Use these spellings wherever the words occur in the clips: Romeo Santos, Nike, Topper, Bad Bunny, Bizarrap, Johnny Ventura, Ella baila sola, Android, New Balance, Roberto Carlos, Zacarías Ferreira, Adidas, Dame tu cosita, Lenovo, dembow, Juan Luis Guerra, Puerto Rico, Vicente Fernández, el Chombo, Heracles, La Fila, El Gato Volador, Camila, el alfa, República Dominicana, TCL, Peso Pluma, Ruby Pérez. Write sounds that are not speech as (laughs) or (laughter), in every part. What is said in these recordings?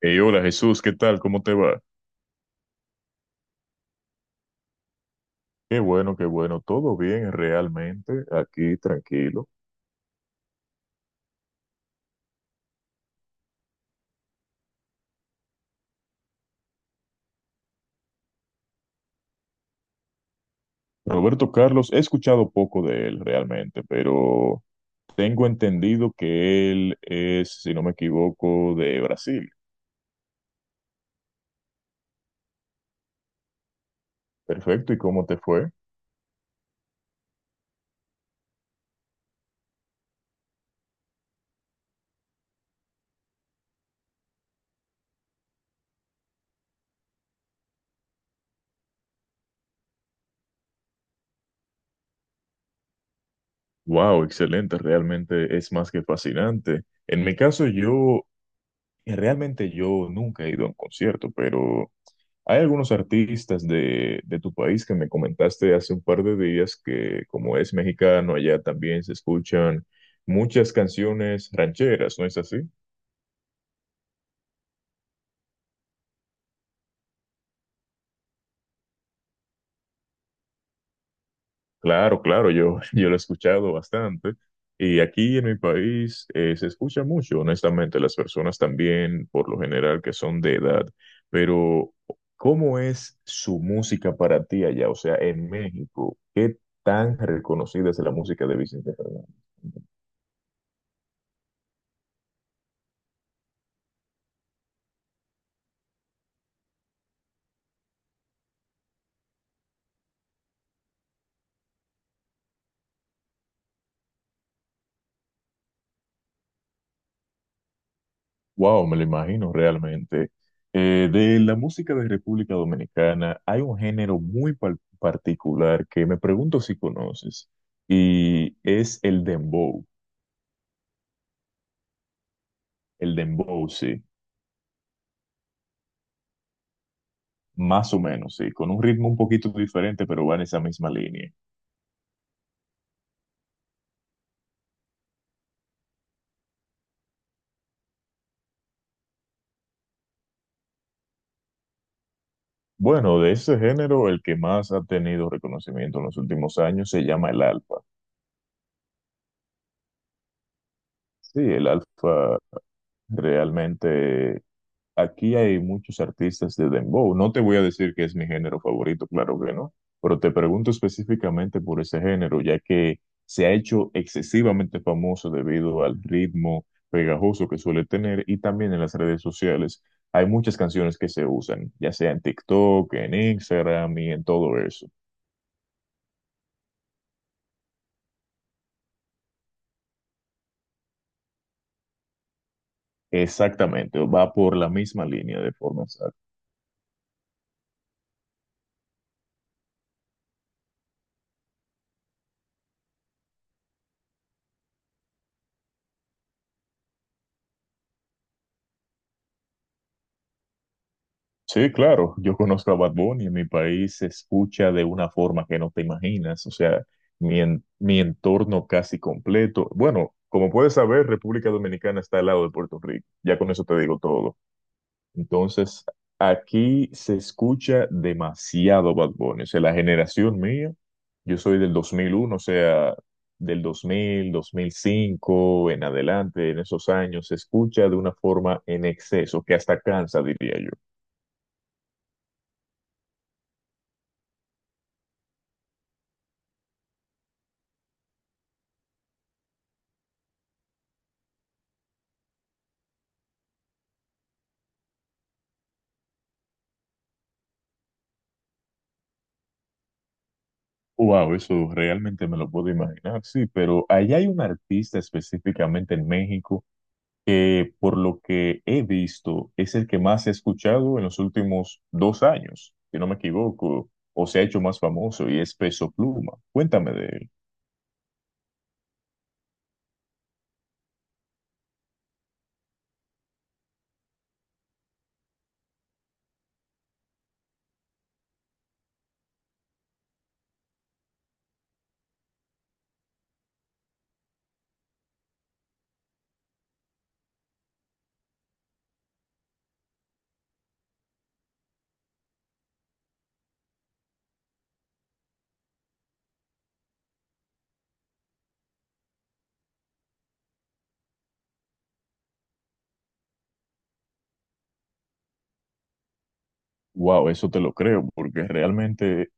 Hey, hola Jesús, ¿qué tal? ¿Cómo te va? Qué bueno, todo bien realmente, aquí tranquilo. Roberto Carlos, he escuchado poco de él realmente, pero tengo entendido que él es, si no me equivoco, de Brasil. Perfecto, ¿y cómo te fue? Wow, excelente, realmente es más que fascinante. En mi caso, realmente yo nunca he ido a un concierto, pero... Hay algunos artistas de tu país que me comentaste hace un par de días que como es mexicano, allá también se escuchan muchas canciones rancheras, ¿no es así? Claro, claro, yo, (laughs) yo lo he escuchado bastante. Y aquí en mi país se escucha mucho, honestamente, las personas también, por lo general, que son de edad. Pero, ¿cómo es su música para ti allá? O sea, en México, ¿qué tan reconocida es la música de Vicente Fernández? Wow, me lo imagino realmente. De la música de República Dominicana hay un género muy particular que me pregunto si conoces y es el dembow. El dembow, sí, más o menos, sí, con un ritmo un poquito diferente, pero va en esa misma línea. Bueno, de ese género, el que más ha tenido reconocimiento en los últimos años se llama el alfa. Sí, el alfa realmente. Aquí hay muchos artistas de dembow. No te voy a decir que es mi género favorito, claro que no, pero te pregunto específicamente por ese género, ya que se ha hecho excesivamente famoso debido al ritmo pegajoso que suele tener y también en las redes sociales. Hay muchas canciones que se usan, ya sea en TikTok, en Instagram y en todo eso. Exactamente, va por la misma línea de forma exacta. Sí, claro, yo conozco a Bad Bunny, en mi país se escucha de una forma que no te imaginas, o sea, mi entorno casi completo. Bueno, como puedes saber, República Dominicana está al lado de Puerto Rico, ya con eso te digo todo. Entonces, aquí se escucha demasiado Bad Bunny, o sea, la generación mía, yo soy del 2001. O sea, del 2005 en adelante, en esos años, se escucha de una forma en exceso, que hasta cansa, diría yo. Wow, eso realmente me lo puedo imaginar, sí, pero allá hay un artista específicamente en México que por lo que he visto es el que más he escuchado en los últimos 2 años, si no me equivoco, o se ha hecho más famoso y es Peso Pluma. Cuéntame de él. Wow, eso te lo creo, porque realmente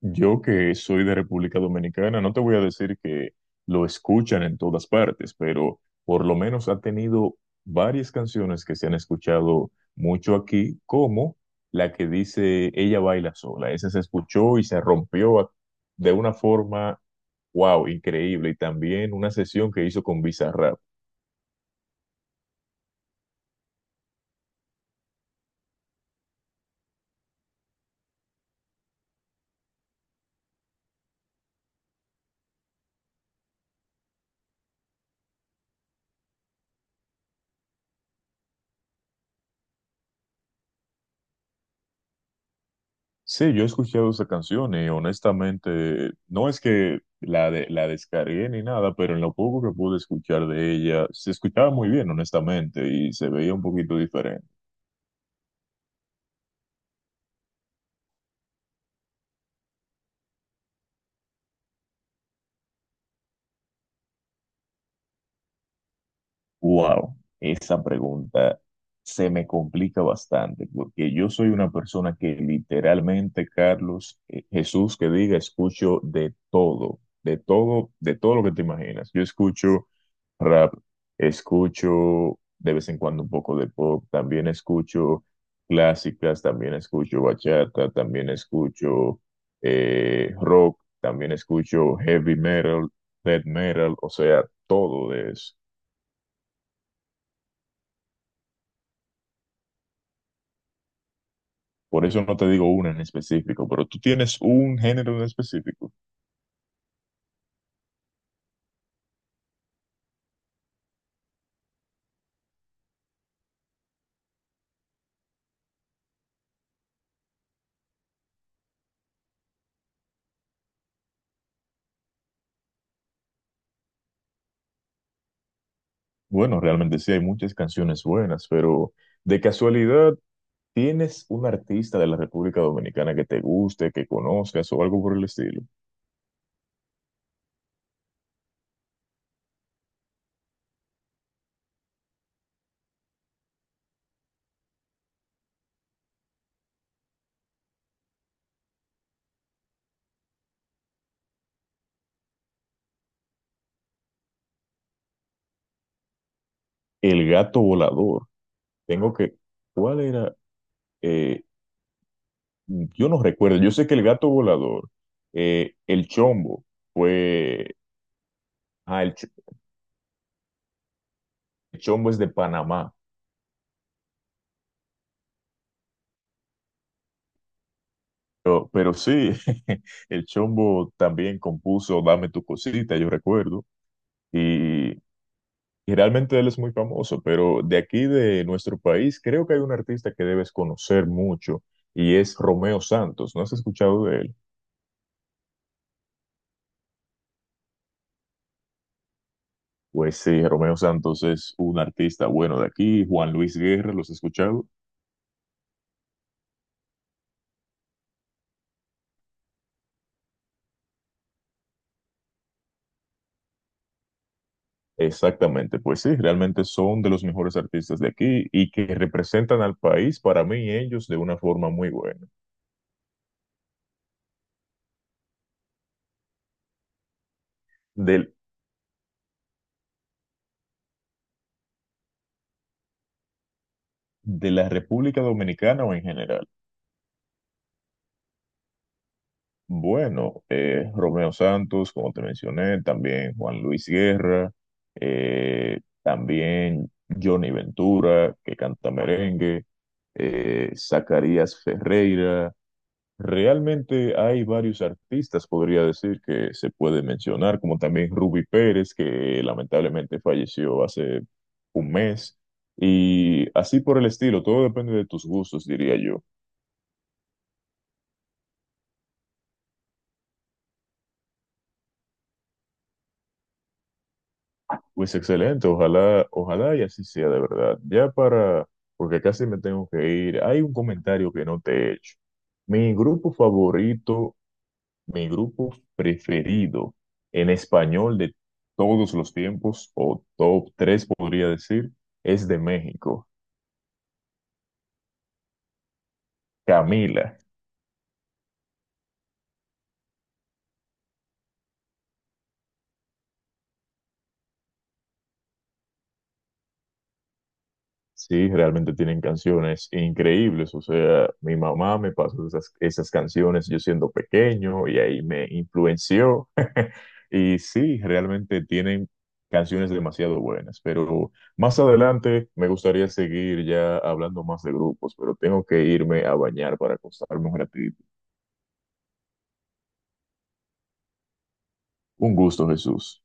yo que soy de República Dominicana, no te voy a decir que lo escuchan en todas partes, pero por lo menos ha tenido varias canciones que se han escuchado mucho aquí, como la que dice Ella baila sola. Esa se escuchó y se rompió de una forma, wow, increíble. Y también una sesión que hizo con Bizarrap. Sí, yo he escuchado esa canción y honestamente no es que la descargué ni nada, pero en lo poco que pude escuchar de ella, se escuchaba muy bien, honestamente, y se veía un poquito diferente. Wow, esa pregunta se me complica bastante porque yo soy una persona que literalmente, Carlos, Jesús, que diga, escucho de todo, de todo, de todo lo que te imaginas. Yo escucho rap, escucho de vez en cuando un poco de pop, también escucho clásicas, también escucho bachata, también escucho rock, también escucho heavy metal, death metal, o sea, todo de eso. Por eso no te digo una en específico, pero tú tienes un género en específico. Bueno, realmente sí hay muchas canciones buenas, pero de casualidad, ¿tienes un artista de la República Dominicana que te guste, que conozcas o algo por el estilo? El Gato Volador. Tengo que... ¿Cuál era? Eh, yo no recuerdo. Yo sé que el Gato Volador, el Chombo, fue... Ah, el Chombo es de Panamá. Pero sí, (laughs) el Chombo también compuso Dame tu cosita, yo recuerdo, y, y realmente él es muy famoso, pero de aquí de nuestro país creo que hay un artista que debes conocer mucho y es Romeo Santos, ¿no has escuchado de él? Pues sí, Romeo Santos es un artista bueno de aquí, Juan Luis Guerra, ¿los has escuchado? Exactamente, pues sí, realmente son de los mejores artistas de aquí y que representan al país para mí ellos de una forma muy buena. Del, de la República Dominicana o en general. Bueno, Romeo Santos, como te mencioné, también Juan Luis Guerra, también Johnny Ventura, que canta merengue, Zacarías Ferreira. Realmente hay varios artistas, podría decir, que se puede mencionar, como también Ruby Pérez, que lamentablemente falleció hace un mes, y así por el estilo, todo depende de tus gustos, diría yo. Pues excelente, ojalá, ojalá y así sea de verdad. Ya para, porque casi me tengo que ir, hay un comentario que no te he hecho. Mi grupo favorito, mi grupo preferido en español de todos los tiempos, o top 3 podría decir, es de México, Camila. Sí, realmente tienen canciones increíbles. O sea, mi mamá me pasó esas canciones yo siendo pequeño y ahí me influenció. (laughs) Y sí, realmente tienen canciones demasiado buenas. Pero más adelante me gustaría seguir ya hablando más de grupos, pero tengo que irme a bañar para acostarme un ratito. Un gusto, Jesús.